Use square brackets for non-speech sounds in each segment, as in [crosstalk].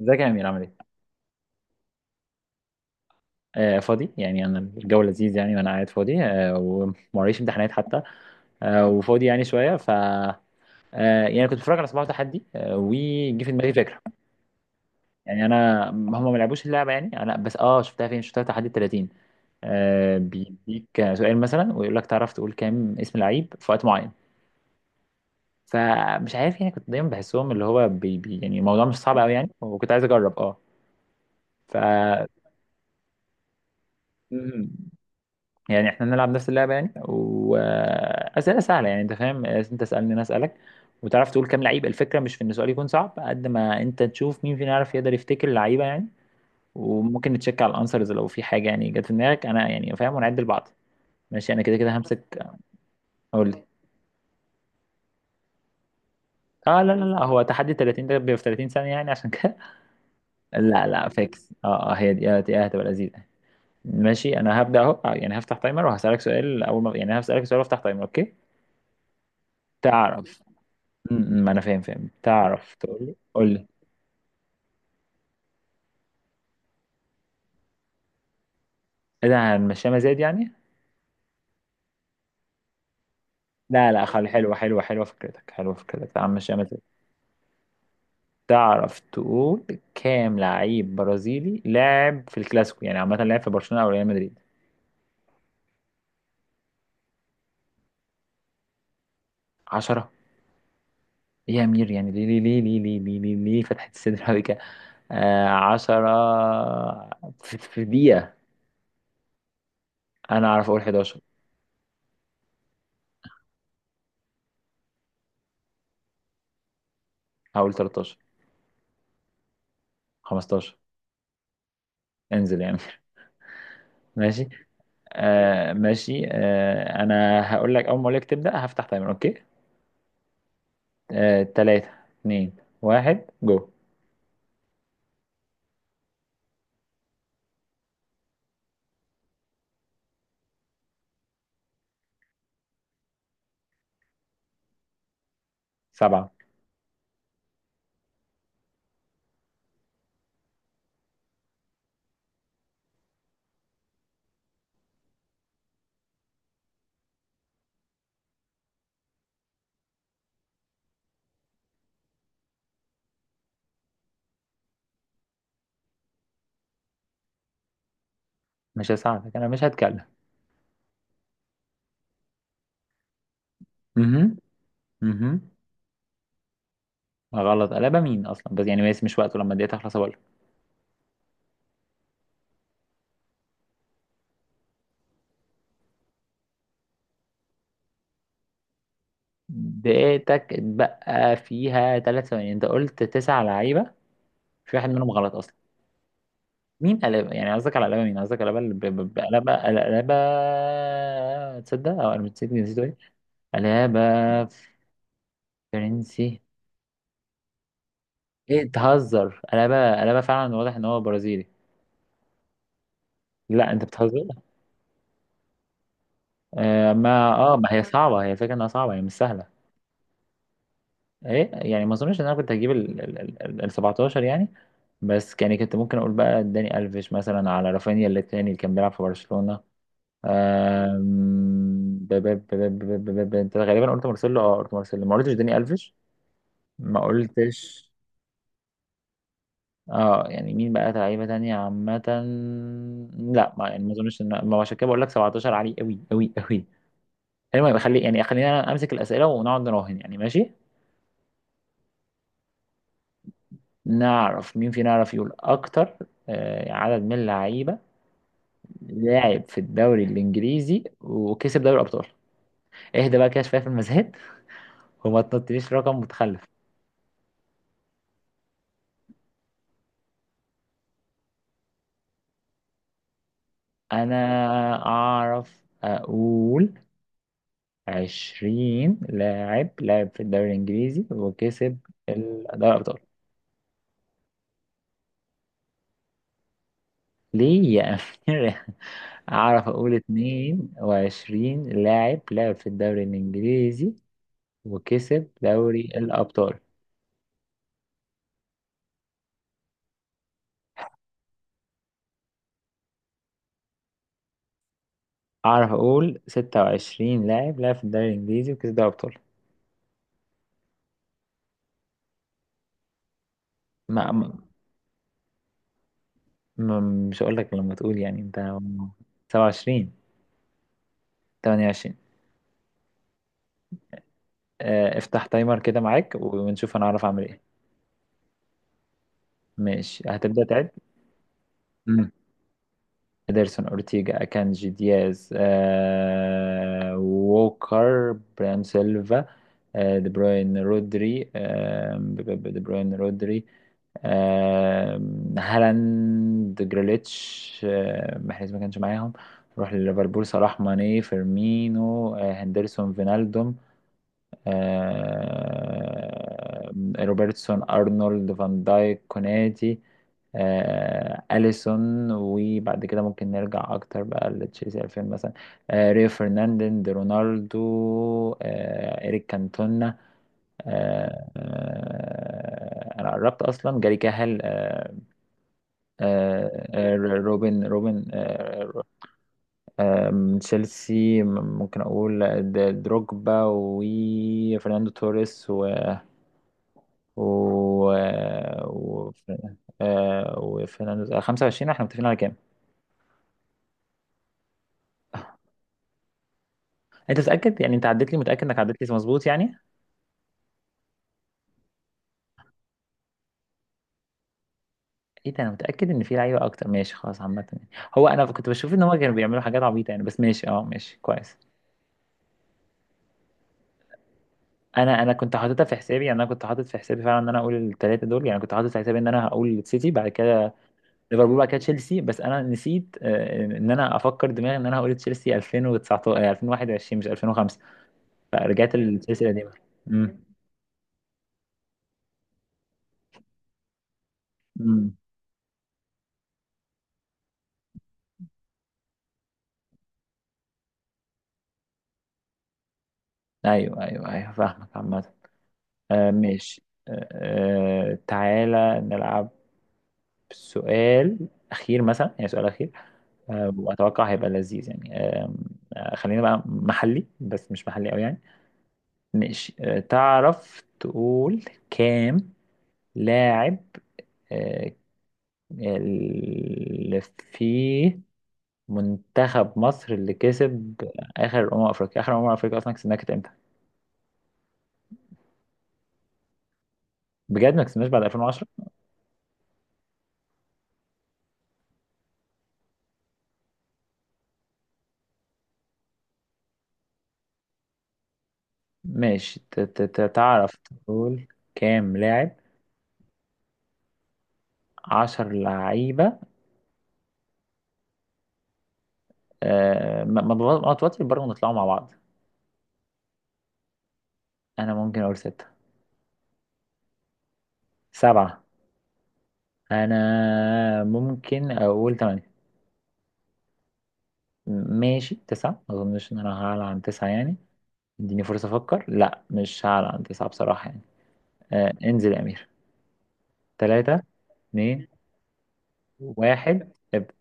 ازيك يا امير عامل ايه؟ آه فاضي يعني، انا الجو لذيذ يعني وانا قاعد فاضي. وموريش امتحانات حتى. آه وفاضي يعني شويه ف آه يعني كنت بتفرج على صباح تحدي، وجي في دماغي فكره. يعني انا هم ما لعبوش اللعبه، يعني انا بس شفتها فين؟ شفتها تحدي ال 30 آه بيديك سؤال مثلا، ويقول لك تعرف تقول كام اسم لعيب في وقت معين. فمش عارف يعني، كنت دايما بحسهم اللي هو بي بي، يعني الموضوع مش صعب قوي يعني، وكنت عايز اجرب اه ف يعني احنا نلعب نفس اللعبة يعني، وأسئلة سهلة يعني، انت فاهم، انت اسألني انا اسألك وتعرف تقول كام لعيب. الفكرة مش في ان السؤال يكون صعب، قد ما انت تشوف مين فينا يعرف يقدر يفتكر اللعيبة يعني. وممكن نتشيك على الانسرز لو في حاجة يعني جت في دماغك، انا يعني فاهم، ونعد لبعض. ماشي انا كده كده همسك. اقول لي. اه، لا لا لا، هو تحدي 30 ده بيبقى في 30 ثانية، يعني عشان كده. [laughs] لا لا، فيكس. اه هي دي، آه هتبقى لذيذة. ماشي انا هبدأ اهو. يعني هفتح تايمر وهسألك سؤال، اول ما يعني هسألك سؤال وافتح تايمر، اوكي؟ تعرف. ما انا فاهم فاهم، تعرف تقول لي، قول لي. ايه ده، هنمشيها مزاد يعني؟ لا لا، خلي حلوه حلوه حلوه، فكرتك حلوه، فكرتك، تعال نمشيها مزاد. تعرف تقول كام لعيب برازيلي لعب في الكلاسيكو، يعني عامه لعب في برشلونه او ريال مدريد؟ 10؟ ايه يا امير يعني، ليه ليه ليه ليه ليه ليه ليه, ليه فتحت الصدر قوي كده؟ 10 في دقيقه؟ انا اعرف اقول 11. هقول 13. 15. انزل يا امير. ماشي. انا هقول لك، اول ما اقول لك تبدا هفتح تايمر، اوكي؟ آه، تلاتة، اتنين، واحد، جو. سبعة. مش هساعدك، انا مش هتكلم. اها. اها. غلط. قلبة مين اصلا؟ بس يعني بس مش وقته، لما الدقيقة تخلص اقول لك. دقيقتك اتبقى فيها ثلاث ثواني، انت قلت تسع لعيبة، في واحد منهم غلط اصلا. مين قلبة يعني، قصدك على قلبة مين؟ قصدك على قلبة اللي ب- ب- ب- قلبة قلبة. تصدق او انا نسيت، ايه قلبة. فرنسي. ايه بتهزر، انا بقى فعلا واضح ان هو برازيلي. لا انت بتهزر. آه ما اه ما هي صعبه، هي الفكره انها صعبه، هي مش سهله. ايه يعني، ما اظنش ان انا كنت هجيب ال 17 يعني. بس يعني كنت ممكن اقول بقى داني الفيش مثلا، على رافينيا اللي التاني اللي كان بيلعب في برشلونه. آم، ب- ب- ب- ب- ب- ب- ب- ب- انت غالبا قلت مارسيلو، اه قلت مارسيلو، ما قلتش داني الفيش. ما قلتش. اه يعني مين بقى لعيبة تانية عامة. لا ما يعني ما اظنش ان ما، عشان كده بقول لك 17 عالي قوي قوي قوي. المهم خلي يعني، خلينا انا امسك الأسئلة ونقعد نراهن يعني، ماشي. نعرف مين فينا يعرف يقول اكتر. آه، عدد من اللعيبة لاعب في الدوري الانجليزي وكسب دوري الابطال. اهدى بقى كده شوية في المزاد. [laughs] وما تنطليش رقم متخلف. انا اعرف اقول 20 لاعب لعب في الدوري الانجليزي وكسب دوري الابطال. ليه يا أمير؟ [laughs] أعرف أقول 22 لاعب لعب في الدوري الإنجليزي وكسب دوري الأبطال. أعرف أقول 26 لاعب لعب في الدوري الإنجليزي وكسب دوري الأبطال. ما ما- ما- مش هقول لك، لما تقول يعني أنت. 27. 28. آه، افتح تايمر كده معاك ونشوف أنا أعرف أعمل إيه. ماشي، هتبدأ تعد. إدرسون، أورتيجا، أكانجي، دياز، آه، ووكر، برام، سيلفا، آه دي بروين، رودري، آه، هالاند، جريليتش، آه محرز ما كانش معاهم. روح لليفربول، صلاح، ماني، فيرمينو، آه هندرسون، فينالدوم، آه، روبرتسون، ارنولد، فان دايك، كوناتي، آه، اليسون. وبعد كده ممكن نرجع اكتر بقى لتشيلسي 2000 مثلا. آه، ريو فرناندين دي، رونالدو، آه، اريك كانتونا، آه، آه، انا قربت اصلا. جاري كاهل، آه، آه، آه، روبن، آه، من تشيلسي ممكن اقول آه، دروجبا وفرناندو توريس، و و آه، وفي 25. احنا متفقين على كام؟ انت متأكد يعني، انت عدت لي متأكد انك عدت لي مظبوط يعني؟ ايه ده، انا متأكد ان في لعيبة اكتر، ماشي خلاص عامة يعني. هو انا كنت بشوف ان هم كانوا بيعملوا حاجات عبيطة يعني، بس ماشي، اه ماشي كويس. انا كنت حاططها في حسابي يعني، انا كنت حاطط في حسابي فعلا ان انا اقول الثلاثة دول يعني، كنت حاطط في حسابي ان انا هقول سيتي بعد كده، ليفربول بعد كده، تشيلسي. بس انا نسيت، آه، ان انا افكر دماغي ان انا هقول تشيلسي 2019، آه، 2021، مش 2005. فرجعت لتشيلسي القديمة. امم. ايوه ايوه ايوه فاهمك عامة. آه ماشي آه. آه، تعالى نلعب سؤال اخير مثلا يعني، سؤال اخير. آه واتوقع هيبقى لذيذ يعني آه. آه، خلينا بقى محلي بس مش محلي قوي يعني. ماشي آه، تعرف تقول كام لاعب آه اللي في منتخب مصر اللي كسب اخر افريقيا؟ اخر افريقيا اصلا كسبناها كانت امتى؟ بجد، ما كسبناش بعد 2010؟ ماشي، تعرف تقول كام لاعب؟ عشر لعيبة. آه ما ما بغ- ما توتر برضه، نطلعوا مع بعض. أنا ممكن أقول ستة. سبعة. أنا ممكن أقول تمانية. ماشي تسعة، ما أظنش إن أنا هعلى عن تسعة يعني. اديني فرصة أفكر. لا، مش هعلى عن تسعة بصراحة يعني. آه انزل يا أمير. تلاتة، اتنين، واحد، ابدأ.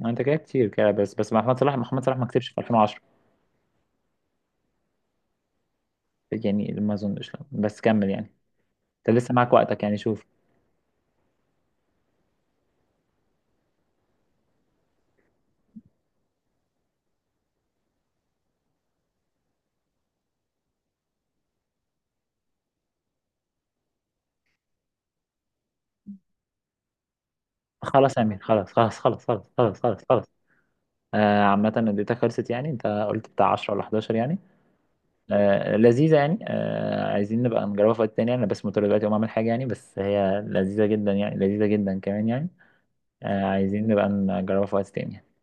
ما أنت كده كتير كده، بس بس محمد صلاح، محمد صلاح ما كسبش في 2010. يعني ما أظنش، لا. بس كمل يعني، انت لسه معاك وقتك يعني شوف. خلاص يا امير، خلاص خلاص خلاص خلاص خلاص خلاص خلاص. آه عامة اديتها خلصت يعني، انت قلت بتاع 10 ولا 11 يعني. آه لذيذة يعني، آه عايزين نبقى نجربها في وقت تاني يعني. انا بس مضطر دلوقتي اقوم اعمل حاجة يعني، بس هي لذيذة جدا يعني، لذيذة جدا كمان يعني. آه عايزين نبقى نجربها في وقت تاني.